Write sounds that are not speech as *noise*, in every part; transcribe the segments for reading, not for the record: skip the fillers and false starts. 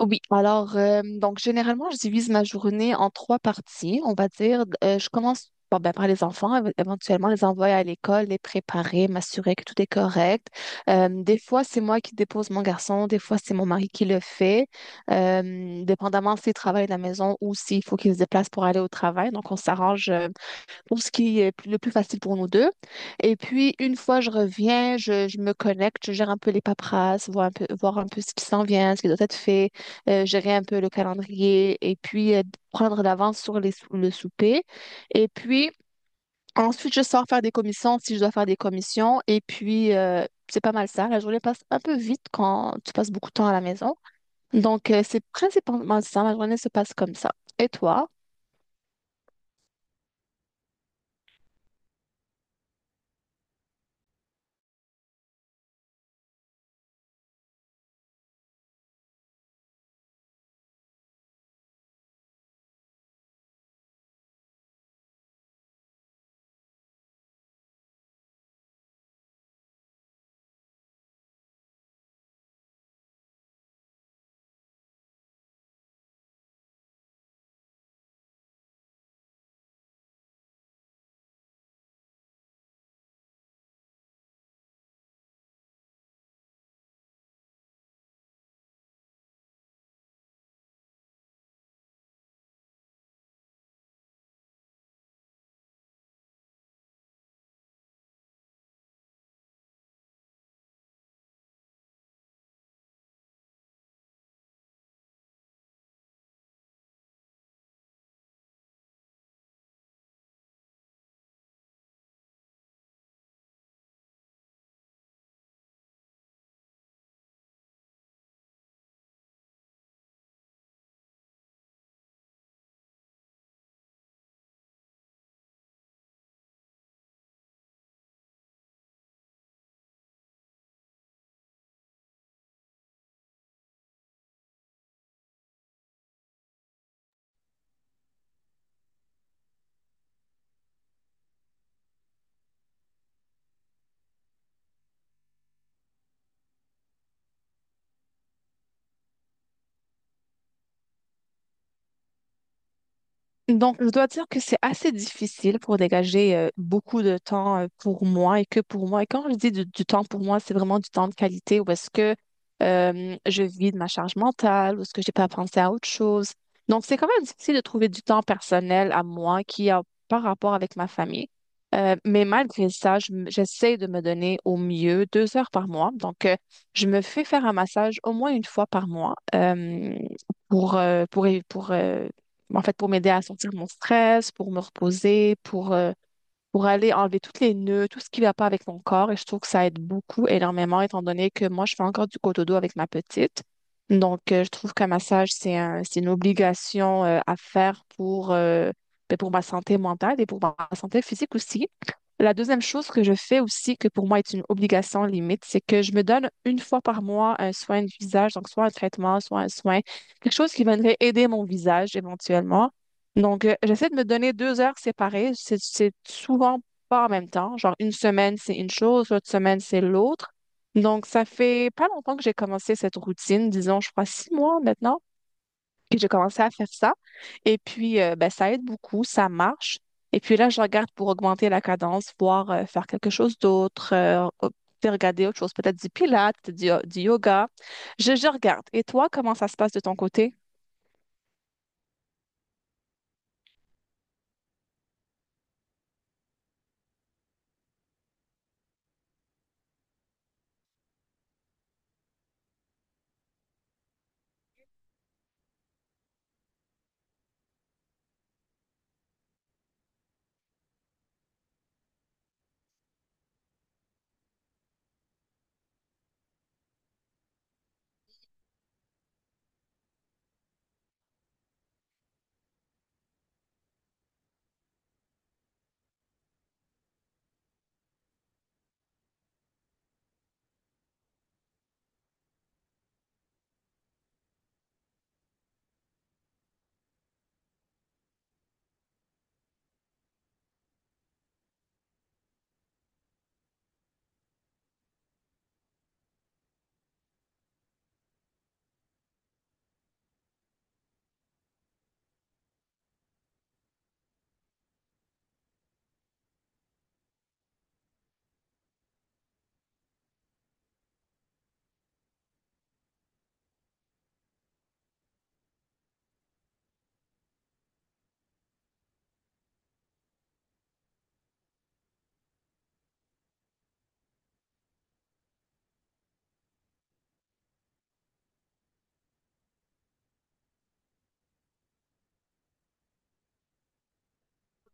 Oui, alors, donc généralement, je divise ma journée en trois parties, on va dire. Je commence bon, ben, par les enfants, éventuellement les envoyer à l'école, les préparer, m'assurer que tout est correct. Des fois, c'est moi qui dépose mon garçon, des fois, c'est mon mari qui le fait, dépendamment s'il travaille à la maison ou s'il faut qu'il se déplace pour aller au travail. Donc, on s'arrange, pour ce qui est plus- le plus facile pour nous deux. Et puis, une fois je reviens, je me connecte, je gère un peu les paperasses, voir un peu ce qui s'en vient, ce qui doit être fait, gérer un peu le calendrier et puis prendre l'avance sur le souper. Et puis, ensuite, je sors faire des commissions si je dois faire des commissions. Et puis, c'est pas mal ça. La journée passe un peu vite quand tu passes beaucoup de temps à la maison. Donc, c'est principalement ça. Ma journée se passe comme ça. Et toi? Donc, je dois dire que c'est assez difficile pour dégager beaucoup de temps pour moi et que pour moi. Et quand je dis du temps pour moi, c'est vraiment du temps de qualité où est-ce que je vis de ma charge mentale, où est-ce que j'ai pas pensé à autre chose. Donc, c'est quand même difficile de trouver du temps personnel à moi qui a pas rapport avec ma famille. Mais malgré ça, j'essaie de me donner au mieux 2 heures par mois. Donc, je me fais faire un massage au moins une fois par mois, pour, euh, pour, pour, euh, en fait, pour m'aider à sortir mon stress, pour me reposer, pour aller enlever toutes les nœuds, tout ce qui ne va pas avec mon corps. Et je trouve que ça aide beaucoup, énormément, étant donné que moi, je fais encore du dos avec ma petite. Donc, je trouve qu'un massage, c'est une obligation, à faire pour, ben, pour ma santé mentale et pour ma santé physique aussi. La deuxième chose que je fais aussi, que pour moi est une obligation limite, c'est que je me donne une fois par mois un soin du visage, donc soit un traitement, soit un soin, quelque chose qui viendrait aider mon visage éventuellement. Donc, j'essaie de me donner 2 heures séparées. C'est souvent pas en même temps. Genre, une semaine, c'est une chose, l'autre semaine, c'est l'autre. Donc, ça fait pas longtemps que j'ai commencé cette routine, disons, je crois 6 mois maintenant, que j'ai commencé à faire ça. Et puis, ben, ça aide beaucoup, ça marche. Et puis là, je regarde pour augmenter la cadence, voir faire quelque chose d'autre, peut-être regarder autre chose, peut-être du pilates, du yoga. Je regarde. Et toi, comment ça se passe de ton côté?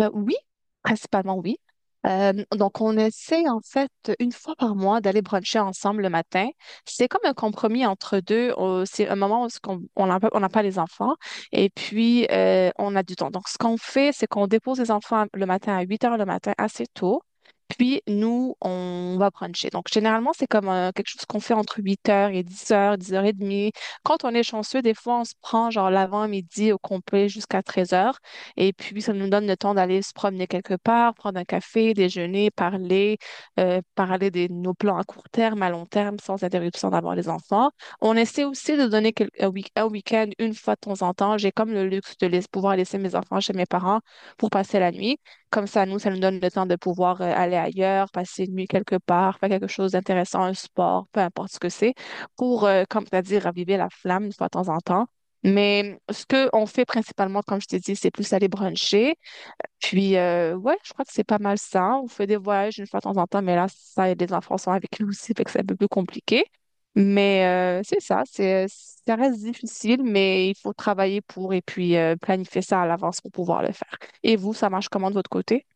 Oui, principalement oui. Donc, on essaie en fait une fois par mois d'aller bruncher ensemble le matin. C'est comme un compromis entre deux. C'est un moment où on n'a pas les enfants et puis on a du temps. Donc, ce qu'on fait, c'est qu'on dépose les enfants le matin à 8h le matin assez tôt. Puis, nous, on va bruncher. Donc, généralement, c'est comme quelque chose qu'on fait entre 8h et 10h, 10h30. Quand on est chanceux, des fois, on se prend genre l'avant-midi au complet jusqu'à 13h. Et puis, ça nous donne le temps d'aller se promener quelque part, prendre un café, déjeuner, parler de nos plans à court terme, à long terme, sans interruption d'avoir les enfants. On essaie aussi de donner un week-end une fois de temps en temps. J'ai comme le luxe de pouvoir laisser mes enfants chez mes parents pour passer la nuit. Comme ça nous donne le temps de pouvoir aller ailleurs, passer une nuit quelque part, faire quelque chose d'intéressant, un sport, peu importe ce que c'est, comme tu as dit, raviver la flamme une fois de temps en temps, mais ce qu'on fait principalement, comme je t'ai dit, c'est plus aller bruncher. Puis, ouais, je crois que c'est pas mal ça. On fait des voyages une fois de temps en temps, mais là, ça, les enfants sont avec nous aussi, *laughs* fait que c'est un peu plus compliqué. Mais c'est ça, ça reste difficile, mais il faut travailler pour et puis planifier ça à l'avance pour pouvoir le faire. Et vous, ça marche comment de votre côté?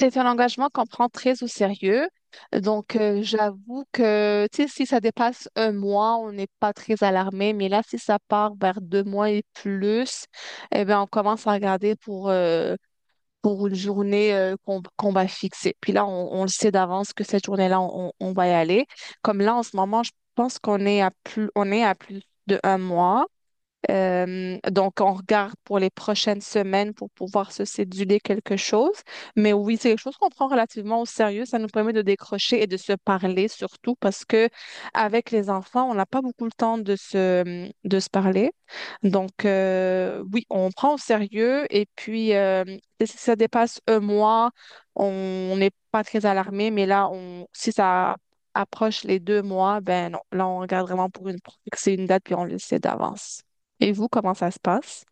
C'est un engagement qu'on prend très au sérieux. Donc, j'avoue que tu sais, si ça dépasse un mois, on n'est pas très alarmé. Mais là, si ça part vers 2 mois et plus, eh bien, on commence à regarder pour une journée, qu'on va fixer. Puis là, on le sait d'avance que cette journée-là, on va y aller. Comme là, en ce moment, je pense qu'on est à plus, on est à plus de un mois. Donc, on regarde pour les prochaines semaines pour pouvoir se céduler quelque chose. Mais oui, c'est quelque chose qu'on prend relativement au sérieux. Ça nous permet de décrocher et de se parler surtout parce que avec les enfants, on n'a pas beaucoup le temps de de se parler. Donc, oui, on prend au sérieux et puis si ça dépasse un mois, on n'est pas très alarmé. Mais là, si ça approche les 2 mois, ben non, là, on regarde vraiment pour fixer une date puis on le sait d'avance. Et vous, comment ça se passe?